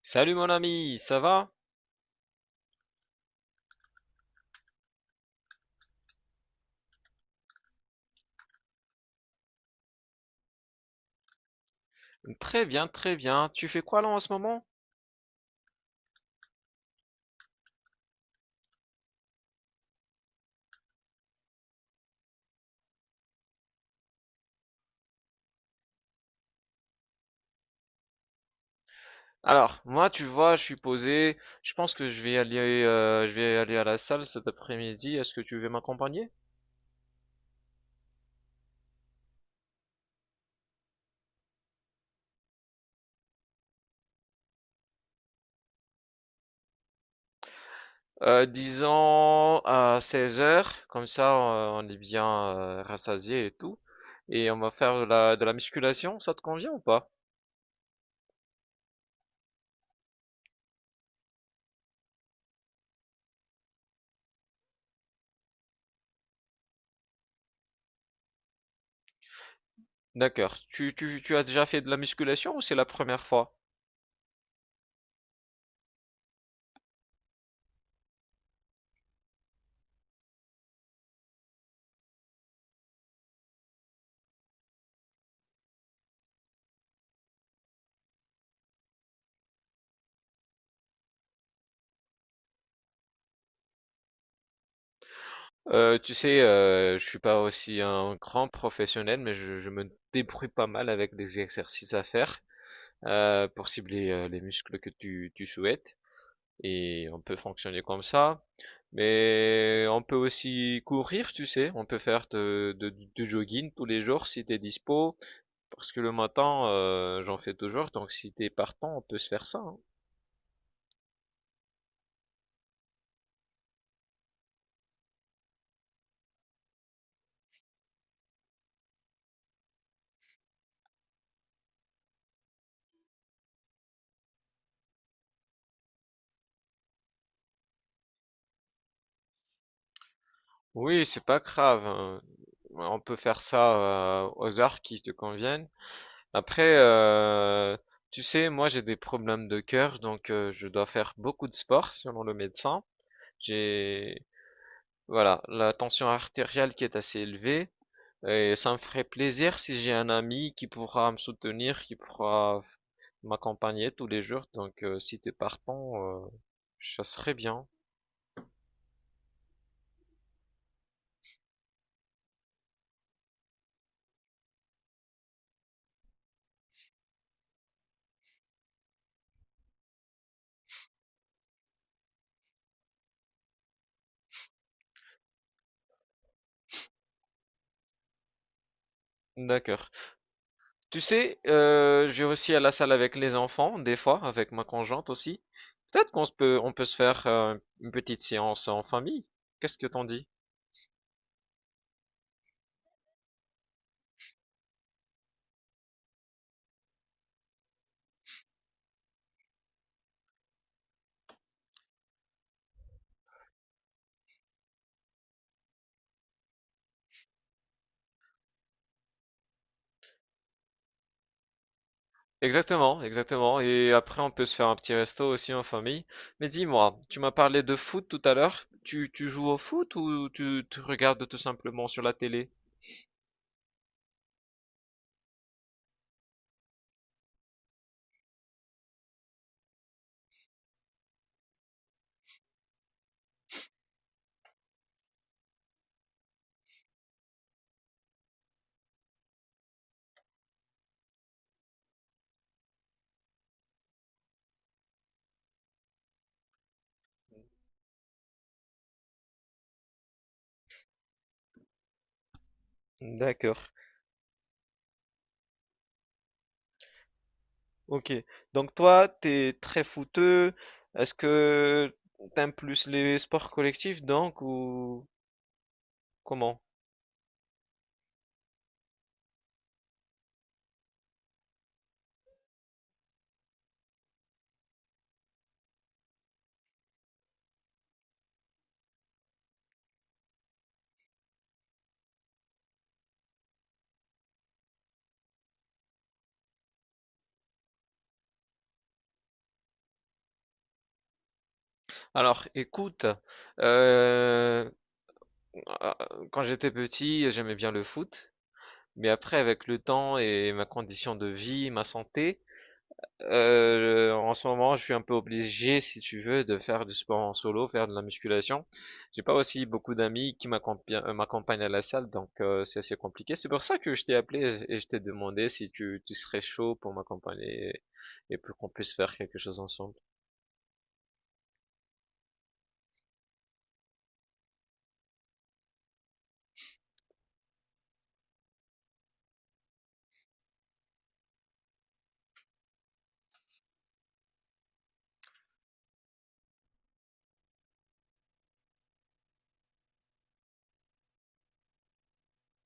Salut mon ami, ça va? Très bien, très bien. Tu fais quoi là en ce moment? Alors, moi, tu vois, je suis posé. Je pense que je vais aller à la salle cet après-midi. Est-ce que tu veux m'accompagner? Disons à 16 h, comme ça on est bien rassasié et tout. Et on va faire de la musculation, ça te convient ou pas? D'accord. Tu as déjà fait de la musculation ou c'est la première fois? Tu sais, je suis pas aussi un grand professionnel, mais je me débrouille pas mal avec des exercices à faire pour cibler les muscles que tu souhaites. Et on peut fonctionner comme ça. Mais on peut aussi courir, tu sais. On peut faire du jogging tous les jours si t'es dispo. Parce que le matin, j'en fais toujours. Donc si t'es partant, on peut se faire ça. Hein. Oui, c'est pas grave. Hein. On peut faire ça aux heures qui te conviennent. Après, tu sais, moi j'ai des problèmes de cœur, donc je dois faire beaucoup de sport selon le médecin. J'ai, voilà, la tension artérielle qui est assez élevée. Et ça me ferait plaisir si j'ai un ami qui pourra me soutenir, qui pourra m'accompagner tous les jours. Donc, si t'es partant, ça serait bien. D'accord. Tu sais, je vais aussi à la salle avec les enfants, des fois, avec ma conjointe aussi. Peut-être qu'on se peut, on peut se faire une petite séance en famille. Qu'est-ce que t'en dis? Exactement, exactement. Et après, on peut se faire un petit resto aussi en famille. Mais dis-moi, tu m'as parlé de foot tout à l'heure. Tu joues au foot ou tu regardes tout simplement sur la télé? D'accord. Ok. Donc toi, t'es très footeux. Est-ce que t'aimes plus les sports collectifs donc ou comment? Alors, écoute, euh, ah, quand j'étais petit, j'aimais bien le foot, mais après, avec le temps et ma condition de vie, ma santé, en ce moment, je suis un peu obligé, si tu veux, de faire du sport en solo, faire de la musculation. J'ai pas aussi beaucoup d'amis qui m'accompagnent à la salle, donc c'est assez compliqué. C'est pour ça que je t'ai appelé et je t'ai demandé si tu serais chaud pour m'accompagner et pour qu'on puisse faire quelque chose ensemble.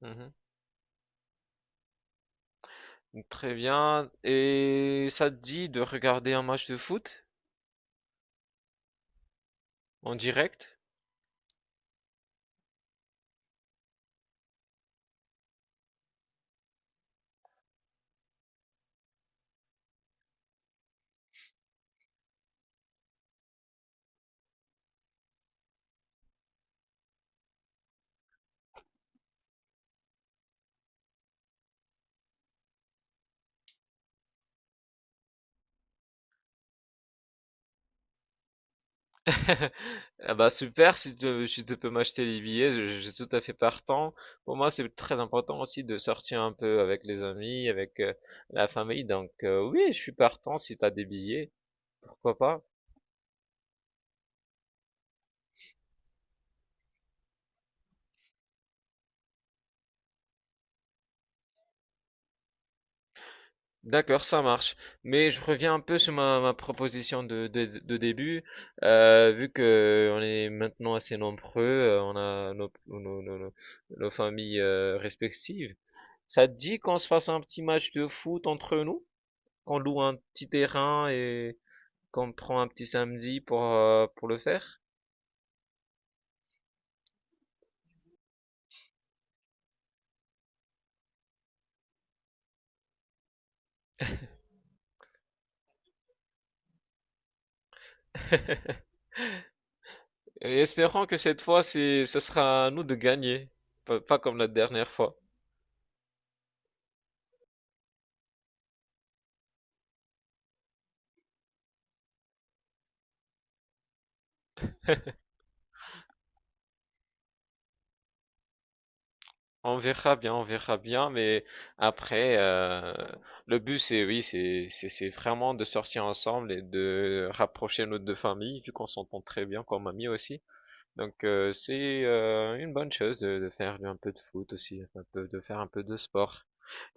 Mhm. Très bien. Et ça te dit de regarder un match de foot en direct? Ah bah super, si tu peux m'acheter les billets, je suis tout à fait partant. Pour moi, c'est très important aussi de sortir un peu avec les amis, avec la famille. Donc oui, je suis partant si tu as des billets, pourquoi pas. D'accord, ça marche. Mais je reviens un peu sur ma proposition de début. Vu que on est maintenant assez nombreux, on a nos familles respectives. Ça te dit qu'on se fasse un petit match de foot entre nous? Qu'on loue un petit terrain et qu'on prend un petit samedi pour le faire? Et espérons que cette fois, ce sera à nous de gagner. Pas comme la dernière fois. On verra bien, mais après, le but c'est oui, c'est vraiment de sortir ensemble et de rapprocher nos deux familles, vu qu'on s'entend très bien comme amis aussi. Donc c'est une bonne chose de faire un peu de foot aussi, un peu de faire un peu de sport.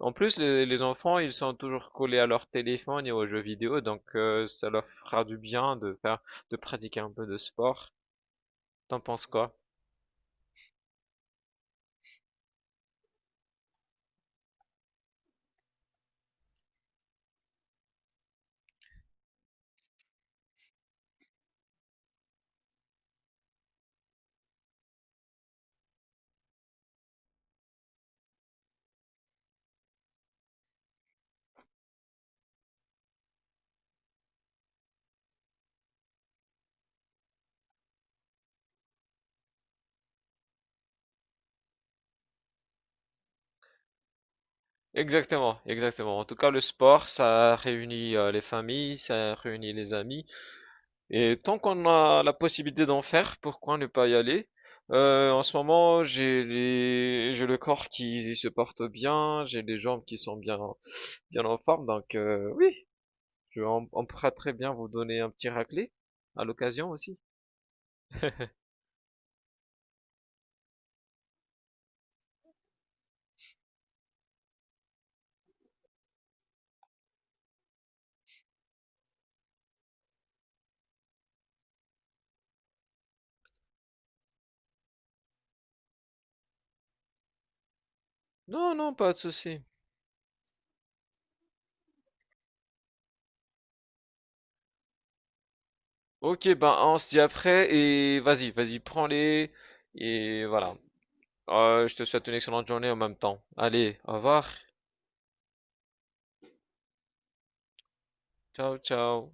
En plus, les enfants, ils sont toujours collés à leur téléphone et aux jeux vidéo, donc ça leur fera du bien de pratiquer un peu de sport. T'en penses quoi? Exactement, exactement. En tout cas, le sport, ça réunit les familles, ça réunit les amis. Et tant qu'on a la possibilité d'en faire, pourquoi ne pas y aller? En ce moment, j'ai les j'ai le corps qui se porte bien, j'ai les jambes qui sont bien, bien en forme. Donc oui, on pourra très bien vous donner un petit raclé à l'occasion aussi. Non, non, pas de souci. Ok, ben on se dit après et vas-y, vas-y, prends-les et voilà. Je te souhaite une excellente journée en même temps. Allez, au revoir. Ciao, ciao.